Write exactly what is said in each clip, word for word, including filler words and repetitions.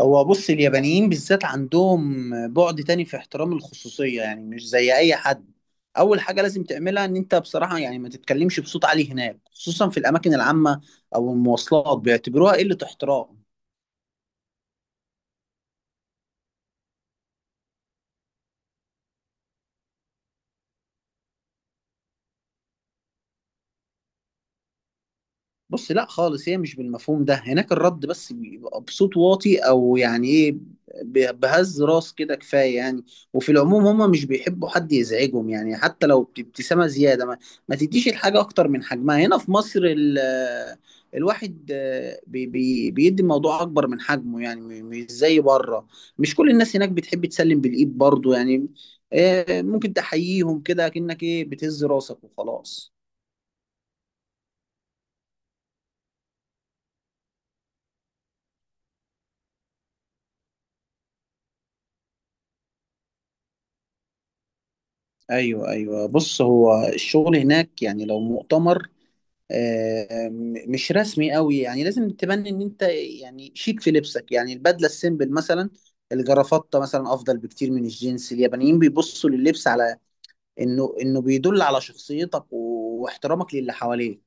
هو بص اليابانيين بالذات عندهم بعد تاني في احترام الخصوصية، يعني مش زي أي حد. أول حاجة لازم تعملها إن أنت بصراحة يعني ما تتكلمش بصوت عالي هناك، خصوصا في الأماكن العامة أو المواصلات، بيعتبروها قلة احترام. بص لا خالص، هي مش بالمفهوم ده. هناك الرد بس بيبقى بصوت واطي او يعني ايه، ب- بهز راس كده كفايه يعني. وفي العموم هما مش بيحبوا حد يزعجهم، يعني حتى لو بابتسامه زياده. ما, ما تديش الحاجه اكتر من حجمها. هنا في مصر ال الواحد آه، بي بي بيدي الموضوع اكبر من حجمه يعني، م- مش زي بره. مش كل الناس هناك بتحب تسلم بالايد برضه يعني. آه، ممكن تحييهم كده كأنك ايه بتهز راسك وخلاص. ايوه ايوه، بص هو الشغل هناك يعني لو مؤتمر آه، م- مش رسمي قوي، يعني لازم تبني ان انت يعني شيك في لبسك. يعني البدله السيمبل مثلا، الجرافطه مثلا افضل بكتير من الجينز. اليابانيين بيبصوا لللبس على انه انه بيدل على شخصيتك واحترامك للي حواليك.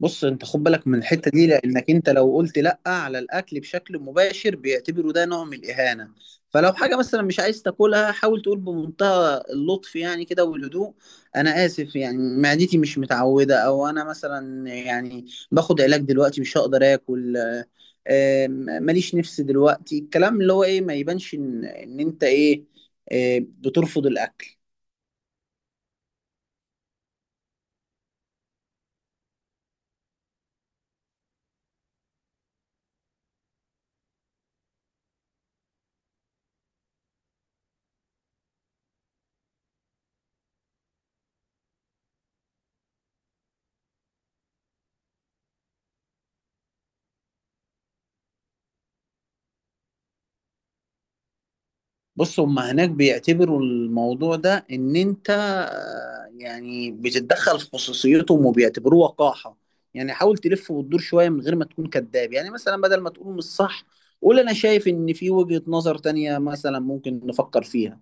بص انت خد بالك من الحته دي، لانك انت لو قلت لا على الاكل بشكل مباشر بيعتبروا ده نوع من الاهانه. فلو حاجه مثلا مش عايز تاكلها حاول تقول بمنتهى اللطف يعني كده والهدوء: انا اسف يعني معدتي مش متعوده، او انا مثلا يعني باخد علاج دلوقتي مش هقدر اكل. آم، ماليش نفس دلوقتي، الكلام اللي هو ايه ما يبانش ان ان انت ايه آه، بترفض الاكل. بص هما هناك بيعتبروا الموضوع ده ان انت آه، يعني بتتدخل في خصوصيتهم، وبيعتبروه وقاحة. يعني حاول تلف وتدور شوية من غير ما تكون كذاب. يعني مثلا بدل ما تقول مش صح، قول انا شايف ان في وجهة نظر تانية مثلا ممكن نفكر فيها.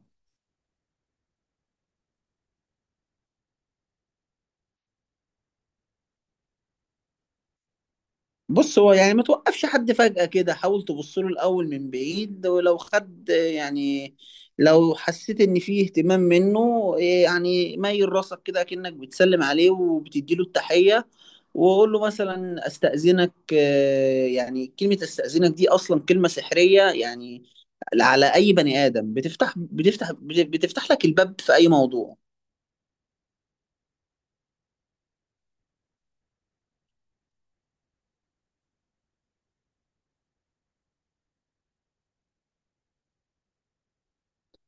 بص هو يعني ما توقفش حد فجأة كده، حاول تبص له الأول من بعيد، ولو خد يعني لو حسيت إن فيه اهتمام منه إيه، يعني ميل راسك كده كأنك بتسلم عليه وبتديله التحية. وقول له مثلا أستأذنك. آه، يعني كلمة أستأذنك دي أصلا كلمة سحرية، يعني على أي بني آدم بتفتح بتفتح بتفتح لك الباب في أي موضوع.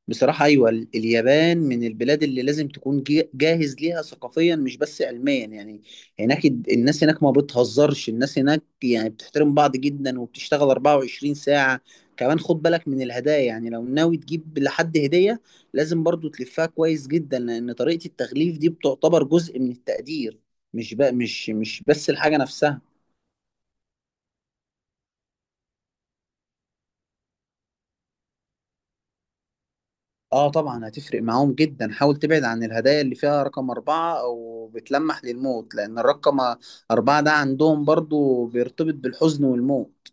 بصراحة أيوة، ال- اليابان من البلاد اللي لازم تكون جي- جاهز ليها ثقافيا مش بس علميا يعني. هناك الد- الناس هناك ما بتهزرش، الناس هناك يعني بتحترم بعض جدا، وبتشتغل أربعة وعشرين ساعة. كمان خد بالك من الهدايا، يعني لو ناوي تجيب لحد هدية لازم برضو تلفها كويس جدا، لأن طريقة التغليف دي بتعتبر جزء من التقدير، مش بقى مش مش بس الحاجة نفسها. اه طبعا هتفرق معاهم جدا. حاول تبعد عن الهدايا اللي فيها رقم أربعة أو بتلمح للموت، لأن الرقم أربعة ده عندهم برضو بيرتبط بالحزن والموت.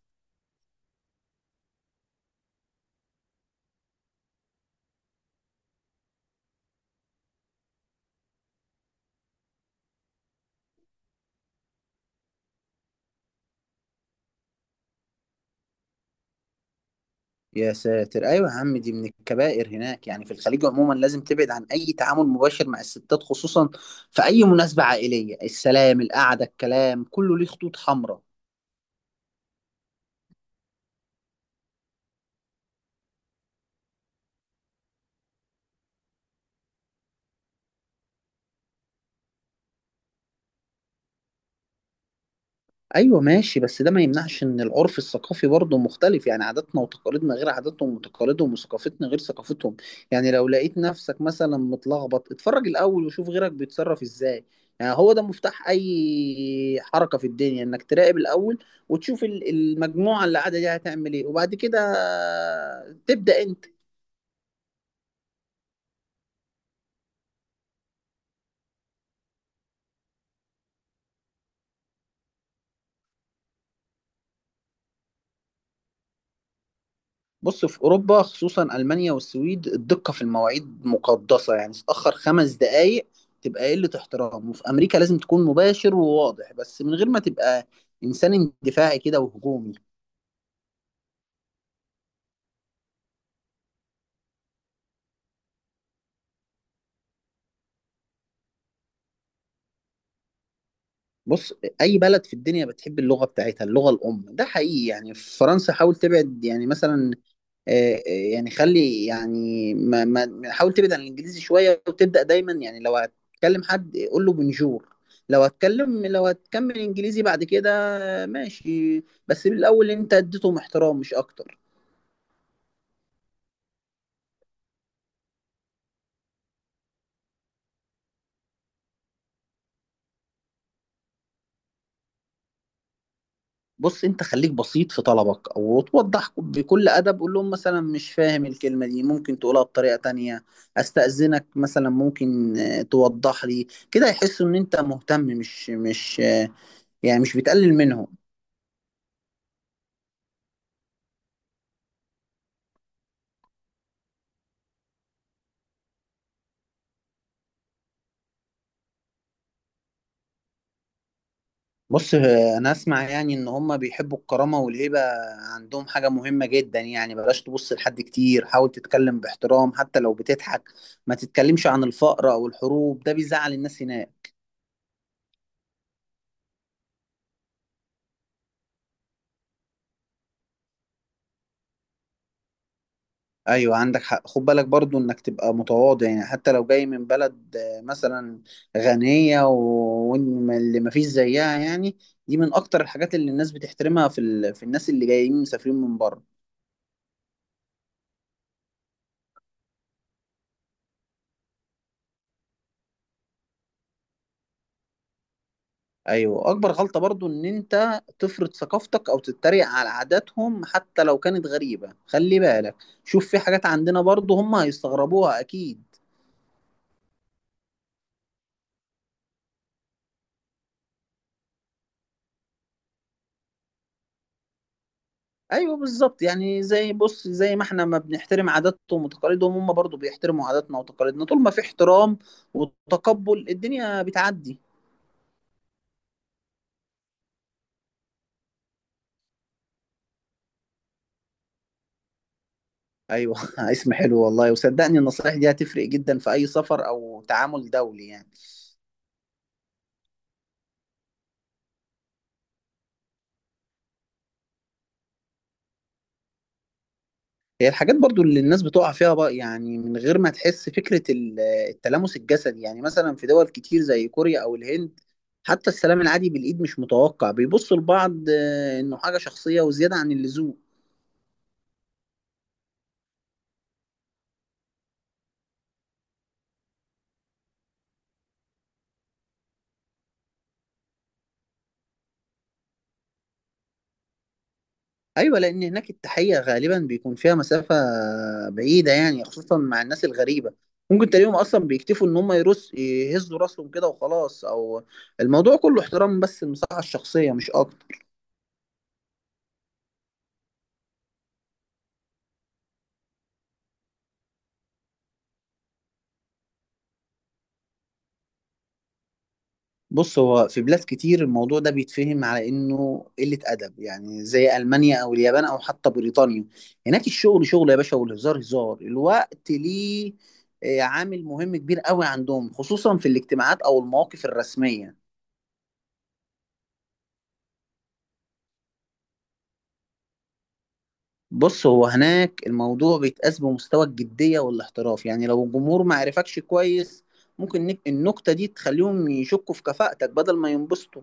يا ساتر، أيوة يا عم، دي من الكبائر هناك. يعني في الخليج عموما لازم تبعد عن أي تعامل مباشر مع الستات، خصوصا في أي مناسبة عائلية. السلام، القعدة، الكلام كله ليه خطوط حمراء. ايوه ماشي، بس ده ما يمنعش ان العرف الثقافي برضه مختلف. يعني عاداتنا وتقاليدنا غير عاداتهم وتقاليدهم، وثقافتنا غير ثقافتهم. يعني لو لقيت نفسك مثلا متلخبط، اتفرج الاول وشوف غيرك بيتصرف ازاي. يعني هو ده مفتاح اي حركة في الدنيا، انك تراقب الاول وتشوف ال- المجموعة اللي قاعدة دي هتعمل ايه وبعد كده تبدأ انت. بص في اوروبا خصوصا المانيا والسويد الدقه في المواعيد مقدسه، يعني تتاخر خمس دقائق تبقى قله احترام. وفي امريكا لازم تكون مباشر وواضح، بس من غير ما تبقى انسان اندفاعي كده وهجومي. بص، اي بلد في الدنيا بتحب اللغه بتاعتها، اللغه الام ده حقيقي. يعني في فرنسا حاول تبعد، يعني مثلا آه، آه، يعني خلي يعني ما ما حاول تبعد عن الانجليزي شويه، وتبدا دايما يعني لو هتكلم حد قول له بنجور. لو هتكلم لو هتكمل انجليزي بعد كده آه، ماشي، بس بالاول انت اديتهم احترام مش اكتر. بص انت خليك بسيط في طلبك او توضح بكل ادب. قول لهم مثلا مش فاهم الكلمه دي ممكن تقولها بطريقه تانية. استاذنك مثلا ممكن آه، توضح لي كده، يحسوا ان انت مهتم مش مش آه، يعني مش بتقلل منهم. بص آه، انا اسمع يعني ان هم بيحبوا الكرامه والهيبه، عندهم حاجه مهمه جدا. يعني بلاش تبص لحد كتير، حاول تتكلم باحترام حتى لو بتضحك. ما تتكلمش عن الفقر او الحروب، ده بيزعل الناس هناك. ايوه عندك حق. خد بالك برضو انك تبقى متواضع، يعني حتى لو جاي من بلد آه، مثلا غنيه، و- وإن اللي ما فيش زيها يعني. دي من اكتر الحاجات اللي الناس بتحترمها في ال... في الناس اللي جايين مسافرين من بره. ايوه اكبر غلطة برضو ان انت تفرض ثقافتك او تتريق على عاداتهم حتى لو كانت غريبة. خلي بالك، شوف في حاجات عندنا برضو هم هيستغربوها اكيد. ايوه بالظبط. يعني زي بص زي ما احنا ما بنحترم عاداتهم وتقاليدهم، هم برضو بيحترموا عاداتنا وتقاليدنا. طول ما في احترام وتقبل، الدنيا بتعدي. ايوه اسم حلو والله. وصدقني النصائح دي هتفرق جدا في اي سفر او تعامل دولي يعني. هي الحاجات برضو اللي الناس بتقع فيها بقى يعني من غير ما تحس، فكرة ال- آه، التلامس الجسدي، يعني مثلا في دول كتير زي كوريا أو الهند حتى السلام العادي بالإيد مش متوقع. بيبصوا لبعض آه، إنه حاجة شخصية وزيادة عن اللزوم. أيوة، لأن هناك التحية غالبا بيكون فيها مسافة بعيدة، يعني خصوصا مع الناس الغريبة. ممكن تلاقيهم أصلا بيكتفوا إن هم يرص يهزوا راسهم كده وخلاص، أو الموضوع كله احترام بس، المساحة الشخصية مش أكتر. بص هو في بلاد كتير الموضوع ده بيتفهم على انه قلة ادب، يعني زي المانيا او اليابان او حتى بريطانيا. هناك الشغل شغل يا باشا، والهزار هزار، الوقت ليه آه، عامل مهم كبير قوي عندهم، خصوصا في الاجتماعات او المواقف الرسمية. بص هو هناك الموضوع بيتقاس بمستوى الجدية والاحتراف. يعني لو الجمهور ما عرفكش كويس، ممكن نك- النكتة دي تخليهم يشكوا في كفاءتك بدل ما ينبسطوا.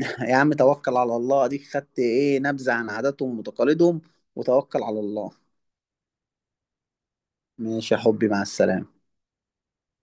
يا عم توكل على الله، اديك خدت ايه نبذة عن عاداتهم وتقاليدهم، وتوكل على الله. ماشي يا حبي، مع السلامة.